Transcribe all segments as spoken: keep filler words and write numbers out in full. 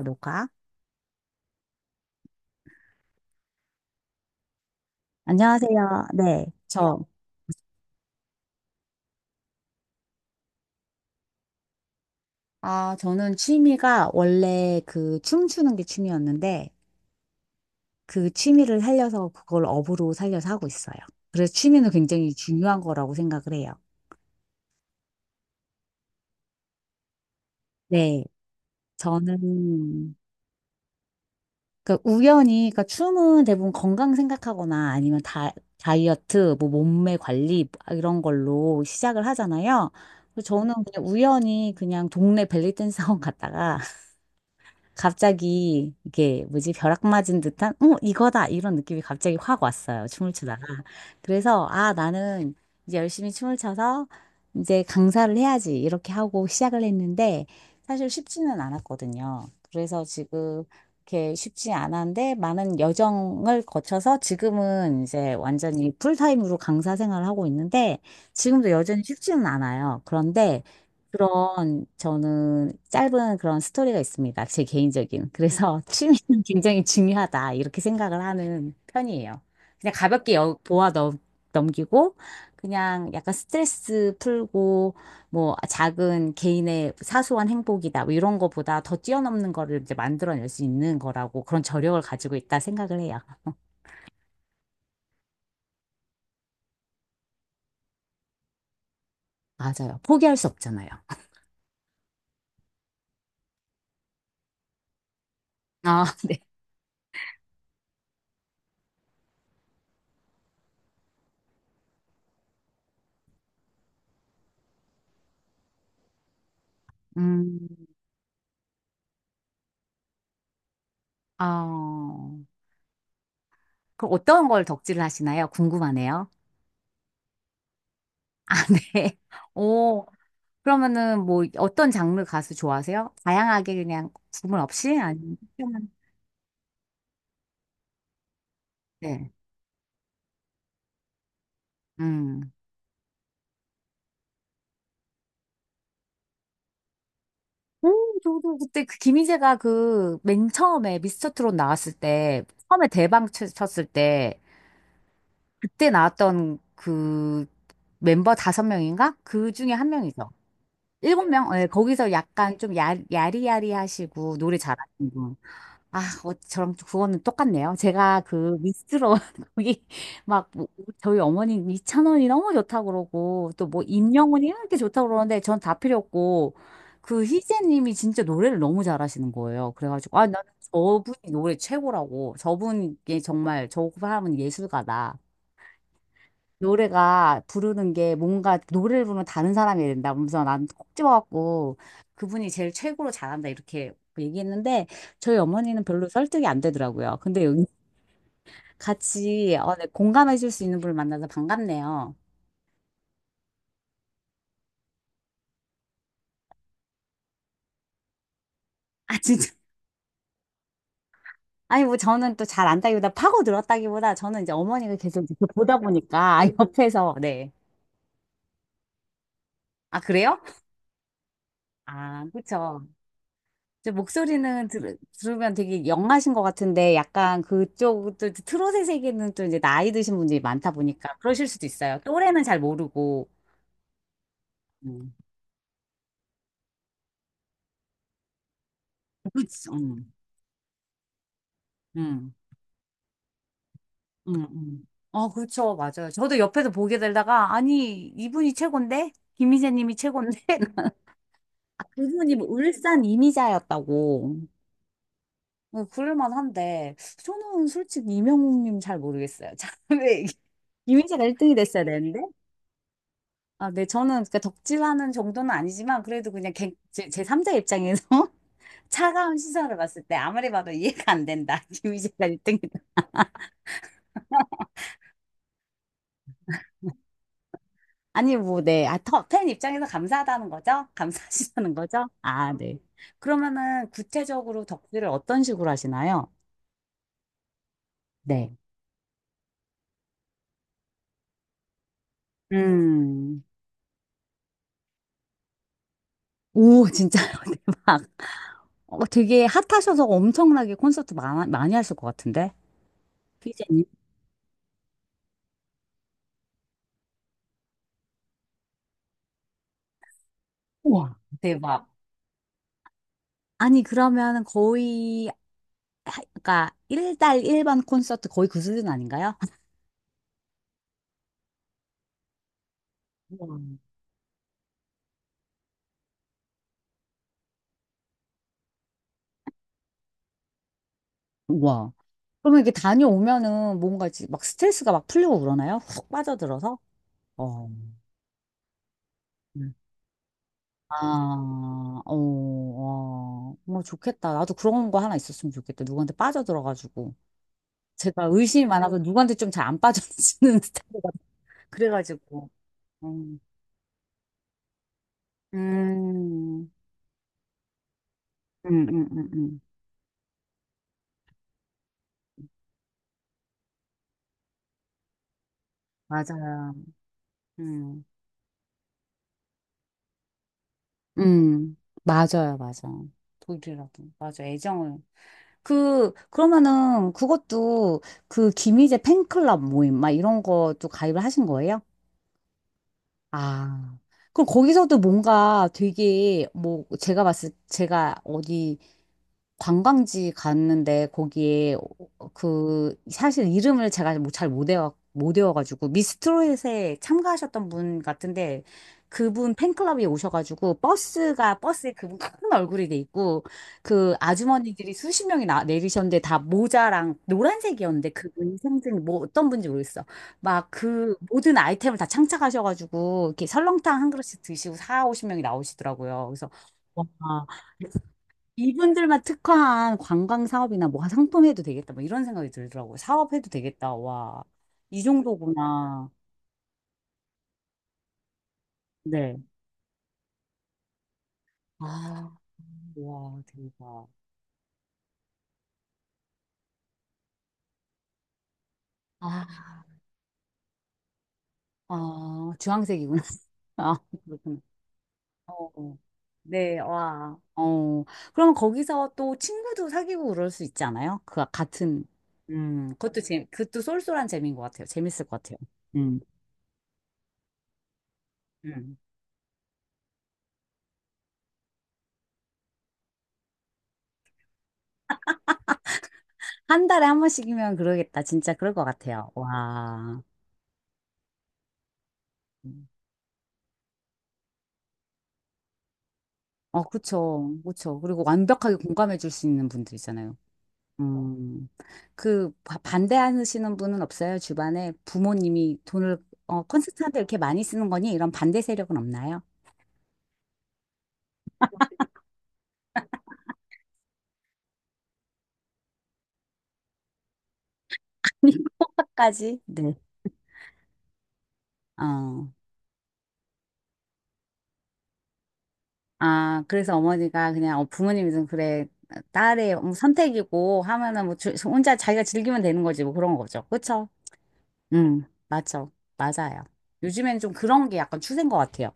녹화. 안녕하세요. 네, 저, 아, 저는 취미가 원래 그 춤추는 게 취미였는데 그 취미를 살려서 그걸 업으로 살려서 하고 있어요. 그래서 취미는 굉장히 중요한 거라고 생각을 해요. 네, 저는 그 우연히, 그러니까 춤은 대부분 건강 생각하거나 아니면 다, 다이어트, 뭐 몸매 관리 아, 이런 걸로 시작을 하잖아요. 그래서 저는 그냥 우연히 그냥 동네 벨리댄스 학원 갔다가 갑자기 이게 뭐지, 벼락 맞은 듯한 어 이거다, 이런 느낌이 갑자기 확 왔어요, 춤을 추다가. 그래서 아, 나는 이제 열심히 춤을 춰서 이제 강사를 해야지, 이렇게 하고 시작을 했는데, 사실 쉽지는 않았거든요. 그래서 지금 이렇게 쉽지 않았는데, 많은 여정을 거쳐서 지금은 이제 완전히 풀타임으로 강사 생활을 하고 있는데, 지금도 여전히 쉽지는 않아요. 그런데 그런 저는 짧은 그런 스토리가 있습니다. 제 개인적인. 그래서 취미는 굉장히 중요하다, 이렇게 생각을 하는 편이에요. 그냥 가볍게 여, 보아 넘, 넘기고 그냥 약간 스트레스 풀고, 뭐 작은 개인의 사소한 행복이다, 뭐 이런 거보다 더 뛰어넘는 거를 이제 만들어낼 수 있는 거라고, 그런 저력을 가지고 있다 생각을 해요. 맞아요. 포기할 수 없잖아요. 아, 음, 어, 그럼 어떤 걸 덕질을 하시나요? 궁금하네요. 네. 오, 그러면은 뭐 어떤 장르 가수 좋아하세요? 다양하게 그냥 구분 없이? 아니면 특정한- 네. 음. 오, 저도 그때 그 김희재가 그 맨 처음에 미스터 트롯 나왔을 때, 처음에 대박 쳤- 쳤을 때, 그때 나왔던 그 멤버 다섯 명인가? 그 중에 한 명이죠. 일곱 명? 네, 거기서 약간 좀 야, 야리야리 하시고 노래 잘하시는 분. 아, 어, 저랑 좀 그거는 똑같네요. 제가 그 미스트롯 거기 막 뭐, 저희 어머니 이찬원이 너무 좋다 그러고 또 뭐 임영웅이 이렇게 좋다 그러는데 전 다 필요 없고 그 희재님이 진짜 노래를 너무 잘하시는 거예요. 그래가지고 아, 나는 저분이 노래 최고라고, 저분이 정말 저 사람은 예술가다. 노래가 부르는 게 뭔가 노래를 부르면 다른 사람이 된다. 그러면서 난콕 집어갖고 그분이 제일 최고로 잘한다, 이렇게 얘기했는데 저희 어머니는 별로 설득이 안 되더라고요. 근데 여기 같이 어, 네, 공감해 줄 수 있는 분을 만나서 반갑네요. 아, 진짜. 아니, 뭐 저는 또 잘 안다기보다 파고 들었다기보다 저는 이제 어머니가 계속 이렇게 보다 보니까 옆에서 네. 아, 그래요? 아, 그쵸. 이제 목소리는 들, 들으면 되게 영하신 것 같은데 약간 그쪽 또 트롯의 세계는 또 이제 나이 드신 분들이 많다 보니까 그러실 수도 있어요. 또래는 잘 모르고. 음. 그치. 음. 음. 음. 음. 어, 그렇죠. 맞아요. 저도 옆에서 보게 되다가 아니, 이분이 최고인데? 김희재 님이 최고인데? 아, 그분이 뭐 울산 이미자였다고. 어, 그럴만 한데 저는 솔직히 이명웅 님 잘 모르겠어요. 참, 왜 이미자가 일 등이 됐어야 되는데? 아, 네, 저는 그 덕질하는 정도는 아니지만 그래도 그냥 객- 제, 제 삼 자 입장에서 차가운 시선을 봤을 때 아무리 봐도 이해가 안 된다. 김희재가 일 등이다. 아니, 뭐, 네. 아, 터- 팬 입장에서 감사하다는 거죠? 감사하시다는 거죠? 아, 네. 그러면은 구체적으로 덕질을 어떤 식으로 하시나요? 네. 음. 오, 진짜요? 대박. 어, 되게 핫하셔서 엄청나게 콘서트 많, 많이 하실 것 같은데? 피재님 우와, 대박. 아니, 그러면 거의 하- 그러니까 한 달 한 번 콘서트 거의 그 수준 아닌가요? 우와. 우와. 그러면 이게 다녀오면은 뭔가 이제 막 스트레스가 막 풀리고 그러나요? 훅 빠져들어서? 어. 음. 아, 어, 어, 뭐 좋겠다. 나도 그런 거 하나 있었으면 좋겠다. 누구한테 빠져들어가지고. 제가 의심이 많아서 누구한테 좀 잘 안 빠져드는 스타일이라 그래가지고. 음, 음, 음, 음, 음. 음. 맞아요. 음. 음, 맞아요, 맞아. 독일이라고. 맞아, 애정을. 그, 그러면은 그것도 그 김희재 팬클럽 모임, 막 이런 것도 가입을 하신 거예요? 아, 그럼 거기서도 뭔가 되게, 뭐, 제가 봤을, 제가 어디 관광지 갔는데, 거기에 어, 그, 사실 이름을 제가 뭐 잘못 외워, 못 외워가지고, 미스트롯에 참가하셨던 분 같은데, 그분 팬클럽에 오셔가지고, 버스가, 버스에 그분 큰 얼굴이 돼 있고, 그 아주머니들이 수십 명이 나, 내리셨는데, 다 모자랑 노란색이었는데, 그분 생증, 뭐 어떤 분인지 모르겠어. 막 그 모든 아이템을 다 창작하셔가지고 이렇게 설렁탕 한 그릇씩 드시고 사, 오십 명이 나오시더라고요. 그래서 와, 이분들만 특화한 관광 사업이나 뭐 상품 해도 되겠다. 뭐 이런 생각이 들더라고요. 사업 해도 되겠다. 와, 이 정도구나. 네. 아, 와, 대박. 아, 아, 주황색이구나. 아, 그렇구나. 어, 네, 와. 어, 그럼 거기서 또 친구도 사귀고 그럴 수 있지 않아요? 그 아, 같은, 음, 그것도 재, 그것도 쏠쏠한 재미인 것 같아요. 재밌을 것 같아요. 음, 음. 한 달에 한 번씩이면 그러겠다. 진짜 그럴 것 같아요. 와. 음. 어, 그쵸. 그쵸. 그리고 완벽하게 공감해 줄 수 있는 분들 있잖아요. 음, 그 바- 반대하시는 분은 없어요? 주변에 부모님이 돈을 어, 콘서트한테 이렇게 많이 쓰는 거니? 이런 반대 세력은 없나요? 까지. 어. 아, 그래서 어머니가 그냥 어, 부모님이 좀 그래, 딸의 뭐 선택이고 하면은 뭐 주- 혼자 자기가 즐기면 되는 거지 뭐 그런 거죠. 그쵸? 음, 맞죠. 맞아요. 요즘에는 좀 그런 게 약간 추세인 것 같아요.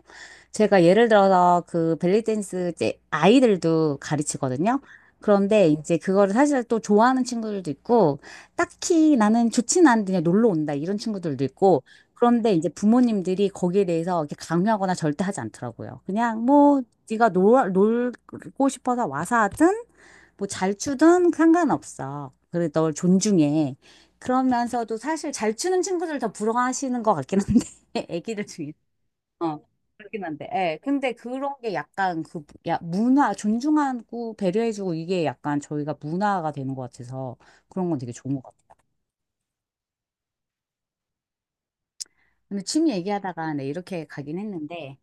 제가 예를 들어서 그 벨리댄스 이제 아이들도 가르치거든요. 그런데 이제 그거를 사실 또 좋아하는 친구들도 있고, 딱히 나는 좋진 않은데 그냥 놀러 온다 이런 친구들도 있고, 그런데 이제 부모님들이 거기에 대해서 이렇게 강요하거나 절대 하지 않더라고요. 그냥 뭐, 네가 놀, 놀고 싶어서 와서 하든, 뭐 잘 추든 상관없어. 그래, 널 존중해. 그러면서도 사실 잘 추는 친구들 더 부러워하시는 것 같긴 한데, 애기들 중에. 어, 그렇긴 한데, 예. 근데 그런 게 약간 그, 야, 문화, 존중하고 배려해주고 이게 약간 저희가 문화가 되는 것 같아서 그런 건 되게 좋은 것 같아요. 근데 취미 얘기하다가 네, 이렇게 가긴 했는데,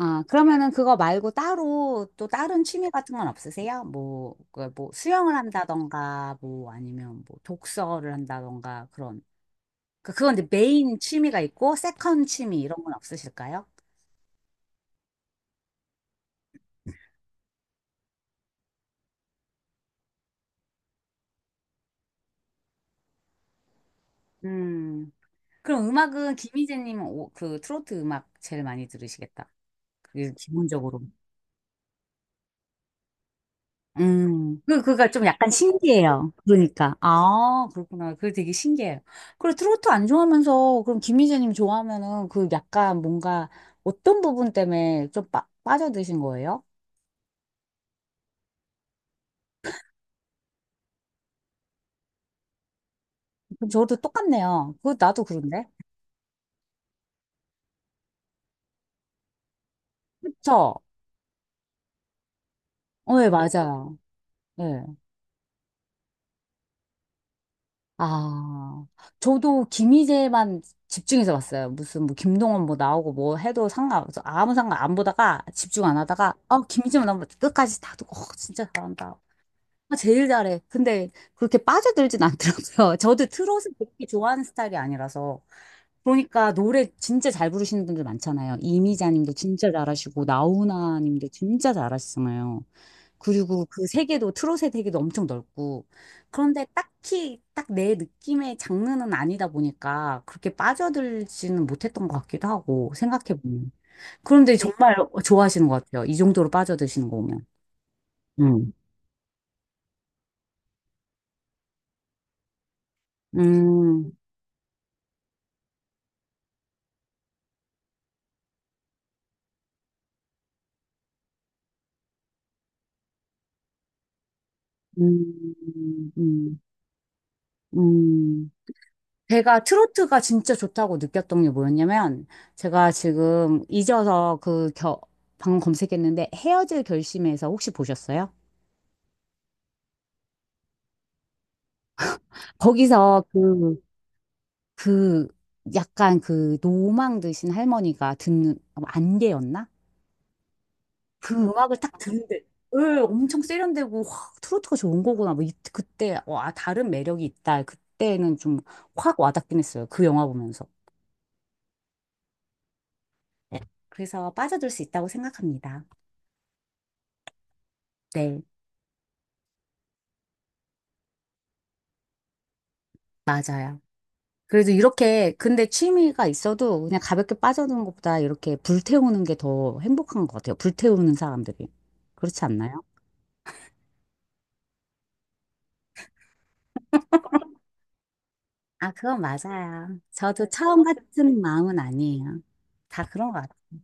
아, 그러면은 그거 말고 따로 또 다른 취미 같은 건 없으세요? 뭐, 그 뭐, 수영을 한다던가, 뭐, 아니면 뭐, 독서를 한다던가, 그런. 그- 그건 이제 메인 취미가 있고 세컨 취미 이런 건 없으실까요? 음, 그럼 음악은 김희재님 오- 그 트로트 음악 제일 많이 들으시겠다. 그게 기본적으로. 음, 그, 그가 좀 약간 신기해요. 그러니까. 아, 그렇구나. 그게 되게 신기해요. 그리고 트로트 안 좋아하면서, 그럼 김희재님 좋아하면은 그 약간 뭔가 어떤 부분 때문에 좀 빠, 빠져드신 거예요? 그럼 저도 똑같네요. 그, 나도 그런데? 그쵸? 어, 예, 맞아요. 예. 아, 저도 김희재만 집중해서 봤어요. 무슨 뭐 김동원 뭐 나오고 뭐 해도 상관없어. 아무 상관 안 보다가 집중 안 하다가, 어, 김희재만 나오면 끝까지 다 두고, 어, 진짜 잘한다. 아, 제일 잘해. 근데 그렇게 빠져들진 않더라고요. 저도 트롯을 그렇게 좋아하는 스타일이 아니라서. 그러니까 노래 진짜 잘 부르시는 분들 많잖아요. 이미자님도 진짜 잘하시고 나훈아님도 진짜 잘하시잖아요. 그리고 그 세계도 트롯의 세계도 엄청 넓고 그런데 딱히 딱 내 느낌의 장르는 아니다 보니까 그렇게 빠져들지는 못했던 것 같기도 하고 생각해 보면. 그런데 정말 좋아하시는 것 같아요. 이 정도로 빠져드시는 거 보면. 음. 음. 음, 음, 음. 제가 트로트가 진짜 좋다고 느꼈던 게 뭐였냐면, 제가 지금 잊어서 그 겨, 방금 검색했는데, 헤어질 결심에서 혹시 보셨어요? 거기서 그, 그, 약간 그 노망 드신 할머니가 듣는, 안개였나? 그 음악을 딱 듣는데, 예, 엄청 세련되고, 확 트로트가 좋은 거구나. 뭐, 이, 그때, 와, 다른 매력이 있다. 그때는 좀 확 와닿긴 했어요. 그 영화 보면서. 네. 그래서 빠져들 수 있다고 생각합니다. 네, 맞아요. 그래도 이렇게, 근데 취미가 있어도 그냥 가볍게 빠져드는 것보다 이렇게 불태우는 게 더 행복한 것 같아요. 불태우는 사람들이. 그렇지 않나요? 아, 그건 맞아요. 저도 처음 같은 마음은 아니에요. 다 그런 것 같아요.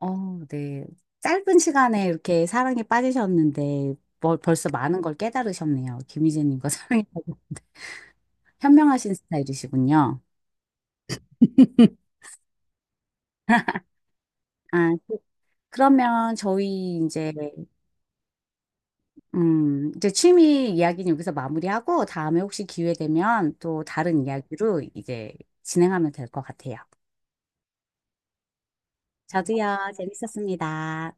어, 네. 짧은 시간에 이렇게 사랑에 빠지셨는데 뭐, 벌써 많은 걸 깨달으셨네요. 김희재님과 사랑에 빠져- 현명하신 스타일이시군요. 아, 그- 그러면 저희 이제 음, 이제 취미 이야기는 여기서 마무리하고 다음에 혹시 기회 되면 또 다른 이야기로 이제 진행하면 될 것 같아요. 저도요, 재밌었습니다.